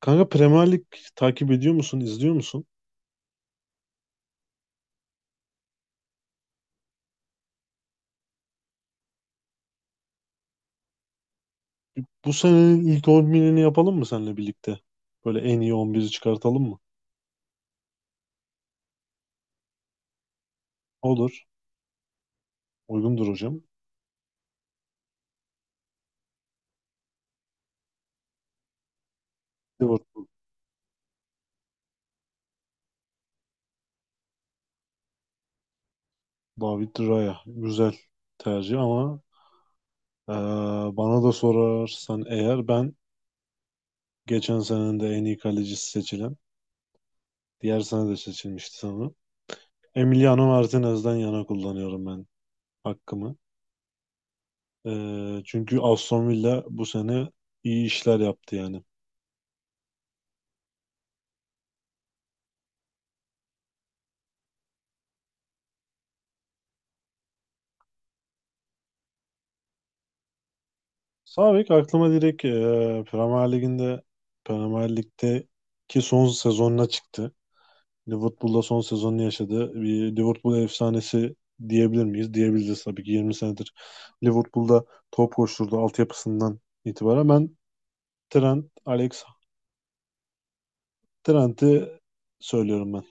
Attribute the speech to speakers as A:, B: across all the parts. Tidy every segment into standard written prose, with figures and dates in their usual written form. A: Kanka, Premier Lig takip ediyor musun, izliyor musun? Bu senenin ilk 11'ini yapalım mı seninle birlikte? Böyle en iyi 11'i çıkartalım mı? Olur. Uygundur hocam. Liverpool, David Raya. Güzel tercih ama eee, bana da sorarsan eğer ben geçen senenin de en iyi kalecisi seçilen, diğer sene de seçilmişti sanırım. Emiliano Martinez'den yana kullanıyorum ben hakkımı. Çünkü Aston Villa bu sene iyi işler yaptı yani. Sağ bek aklıma direkt Premier Lig'inde Premier Lig'deki son sezonuna çıktı. Liverpool'da son sezonunu yaşadı. Bir Liverpool efsanesi diyebilir miyiz? Diyebiliriz tabii ki. 20 senedir Liverpool'da top koşturdu altyapısından itibaren. Ben Trent, Alex Trent'i söylüyorum ben.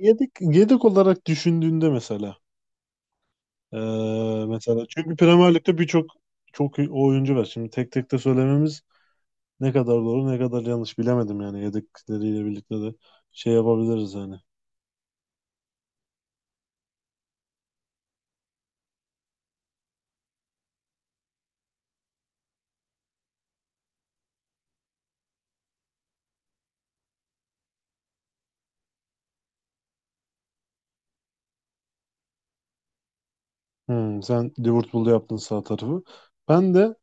A: Yedek olarak düşündüğünde mesela e, mesela, çünkü Premier Lig'de çok iyi oyuncu var. Şimdi tek tek de söylememiz ne kadar doğru ne kadar yanlış bilemedim, yani yedekleriyle birlikte de şey yapabiliriz yani. Hmm, sen Liverpool'da yaptın sağ tarafı. Ben de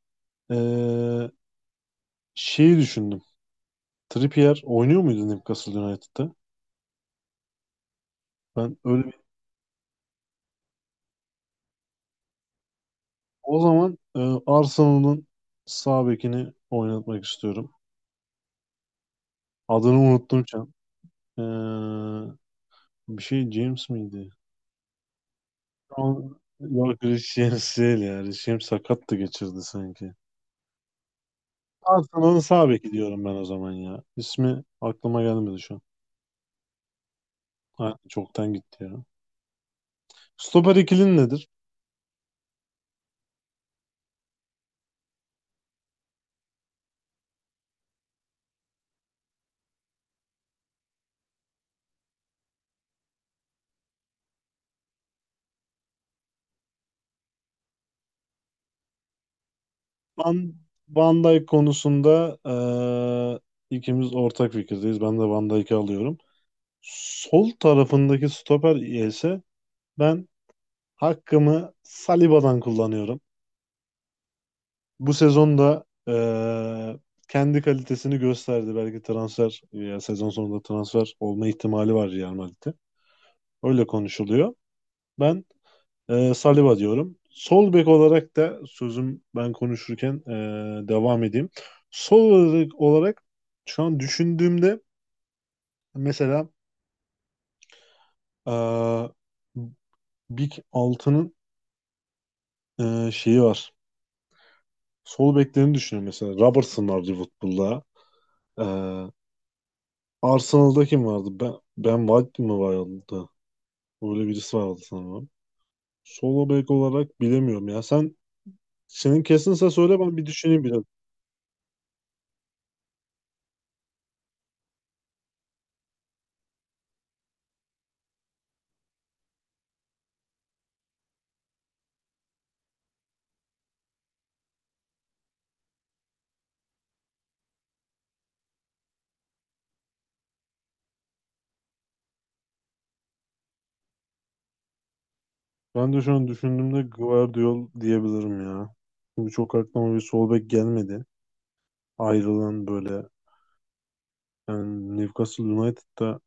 A: eee, şeyi düşündüm. Trippier oynuyor muydu Newcastle United'da? Ben öyle bir- O zaman Arsenal'ın sağ bekini oynatmak istiyorum. Adını unuttum şu an. Eee, Bir şey James miydi? Yok, Reece James değil ya. Reece James sakattı, geçirdi sanki. Arsenal'ın sağ beki diyorum ben o zaman ya. İsmi aklıma gelmedi şu an. Ha, çoktan gitti ya. Stoper ikilin nedir? Van, Van Dijk konusunda ikimiz ortak fikirdeyiz. Ben de Van Dijk'i alıyorum. Sol tarafındaki stoper ise ben hakkımı Saliba'dan kullanıyorum. Bu sezonda kendi kalitesini gösterdi. Belki ya sezon sonunda transfer olma ihtimali var Real Madrid'de. Öyle konuşuluyor. Ben Saliba diyorum. Sol bek olarak da sözüm, ben konuşurken devam edeyim. Sol olarak şu an düşündüğümde mesela ee, Big 6'nın şeyi var. Sol beklerini düşünüyorum mesela. Robertson var Liverpool'da. Ee, Arsenal'da kim vardı? Ben White mi vardı? Öyle birisi vardı sanırım. Sol bek olarak bilemiyorum ya. Senin kesinse söyle, ben bir düşüneyim biraz. Ben de şu an düşündüğümde Guardiol diyebilirim ya. Çünkü çok aklıma bir sol bek gelmedi. Ayrılan böyle, yani Newcastle United'da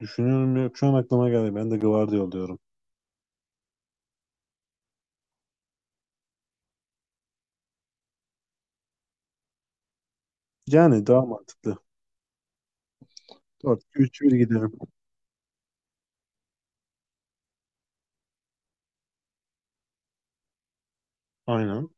A: düşünüyorum ya, şu an aklıma geldi. Ben de Guardiol diyorum. Yani daha mantıklı. 4-2-3-1 gidelim. Aynen.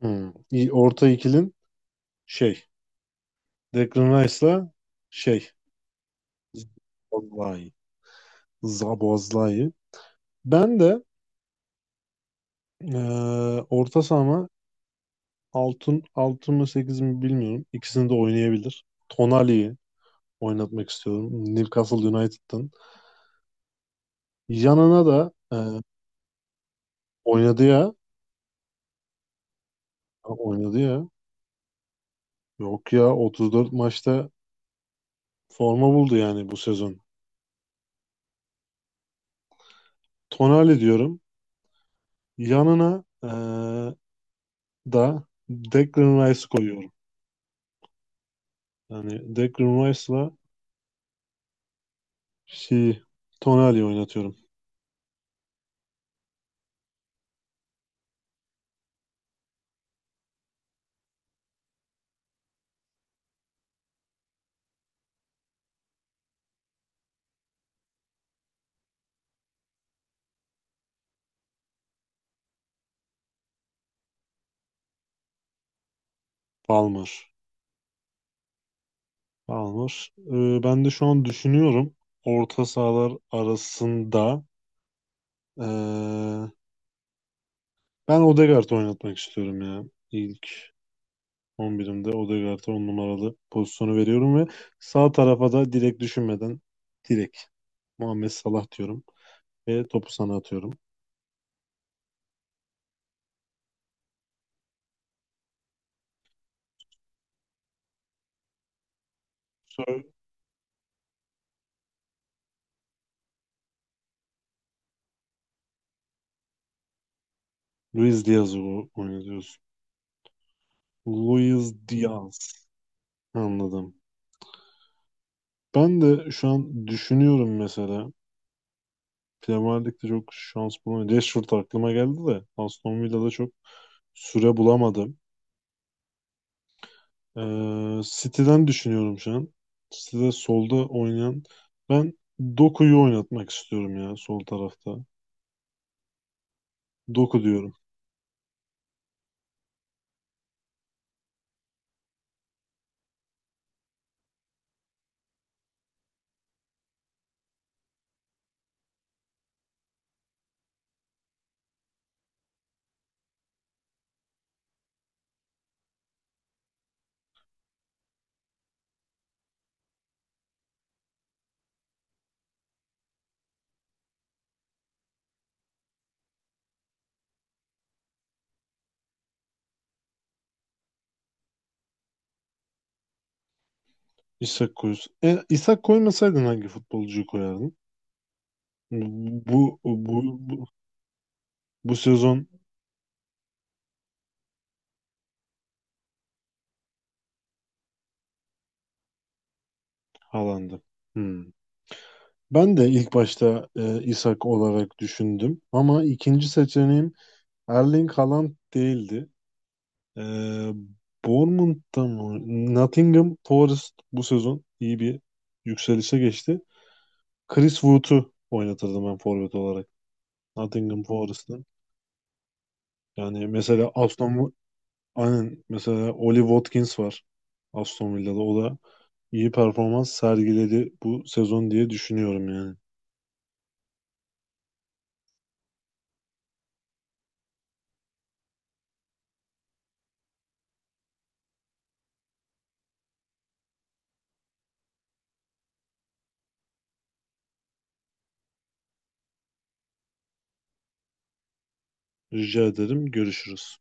A: Hmm. İyi. Orta ikilin şey, Declan Rice'la şey, Zaboszlai. Zaboszlai. Ben de orta sahama altın altın mı 8 mi bilmiyorum. İkisini de oynayabilir. Tonali oynatmak istiyorum. Newcastle United'ın. Yanına da oynadı ya. Ha, oynadı ya. Yok ya, 34 maçta forma buldu yani bu sezon. Tonali diyorum. Yanına da Declan Rice koyuyorum. Yani Declan Rice'la şey, Tonali oynatıyorum. Palmer. Palmer. E, ben de şu an düşünüyorum. Orta sahalar arasında e, ben Odegaard oynatmak istiyorum ya. İlk 11'imde Odegaard'a 10 numaralı pozisyonu veriyorum ve sağ tarafa da direkt düşünmeden direkt Muhammed Salah diyorum ve topu sana atıyorum. Sonra Luis Diaz'ı oynatıyorsun. Luis Diaz. Anladım. Ben de şu an düşünüyorum mesela. Premier Lig'de çok şans bulamadım. Rashford aklıma geldi de Aston Villa'da çok süre bulamadım. City'den düşünüyorum şu an. City'de solda oynayan, ben Doku'yu oynatmak istiyorum ya sol tarafta. Doku diyorum. İshak koyuyorsun. E, İshak koymasaydın hangi futbolcuyu koyardın? Bu bu bu, Bu sezon Haaland'ı. Hmm. Ben de ilk başta İshak olarak düşündüm ama ikinci seçeneğim Erling Haaland değildi. Ee, Bournemouth'ta mı? Nottingham Forest bu sezon iyi bir yükselişe geçti. Chris Wood'u oynatırdım ben forvet olarak. Nottingham Forest'ın. Yani mesela Aston Aynen, mesela Ollie Watkins var Aston Villa'da. O da iyi performans sergiledi bu sezon diye düşünüyorum yani. Rica ederim. Görüşürüz.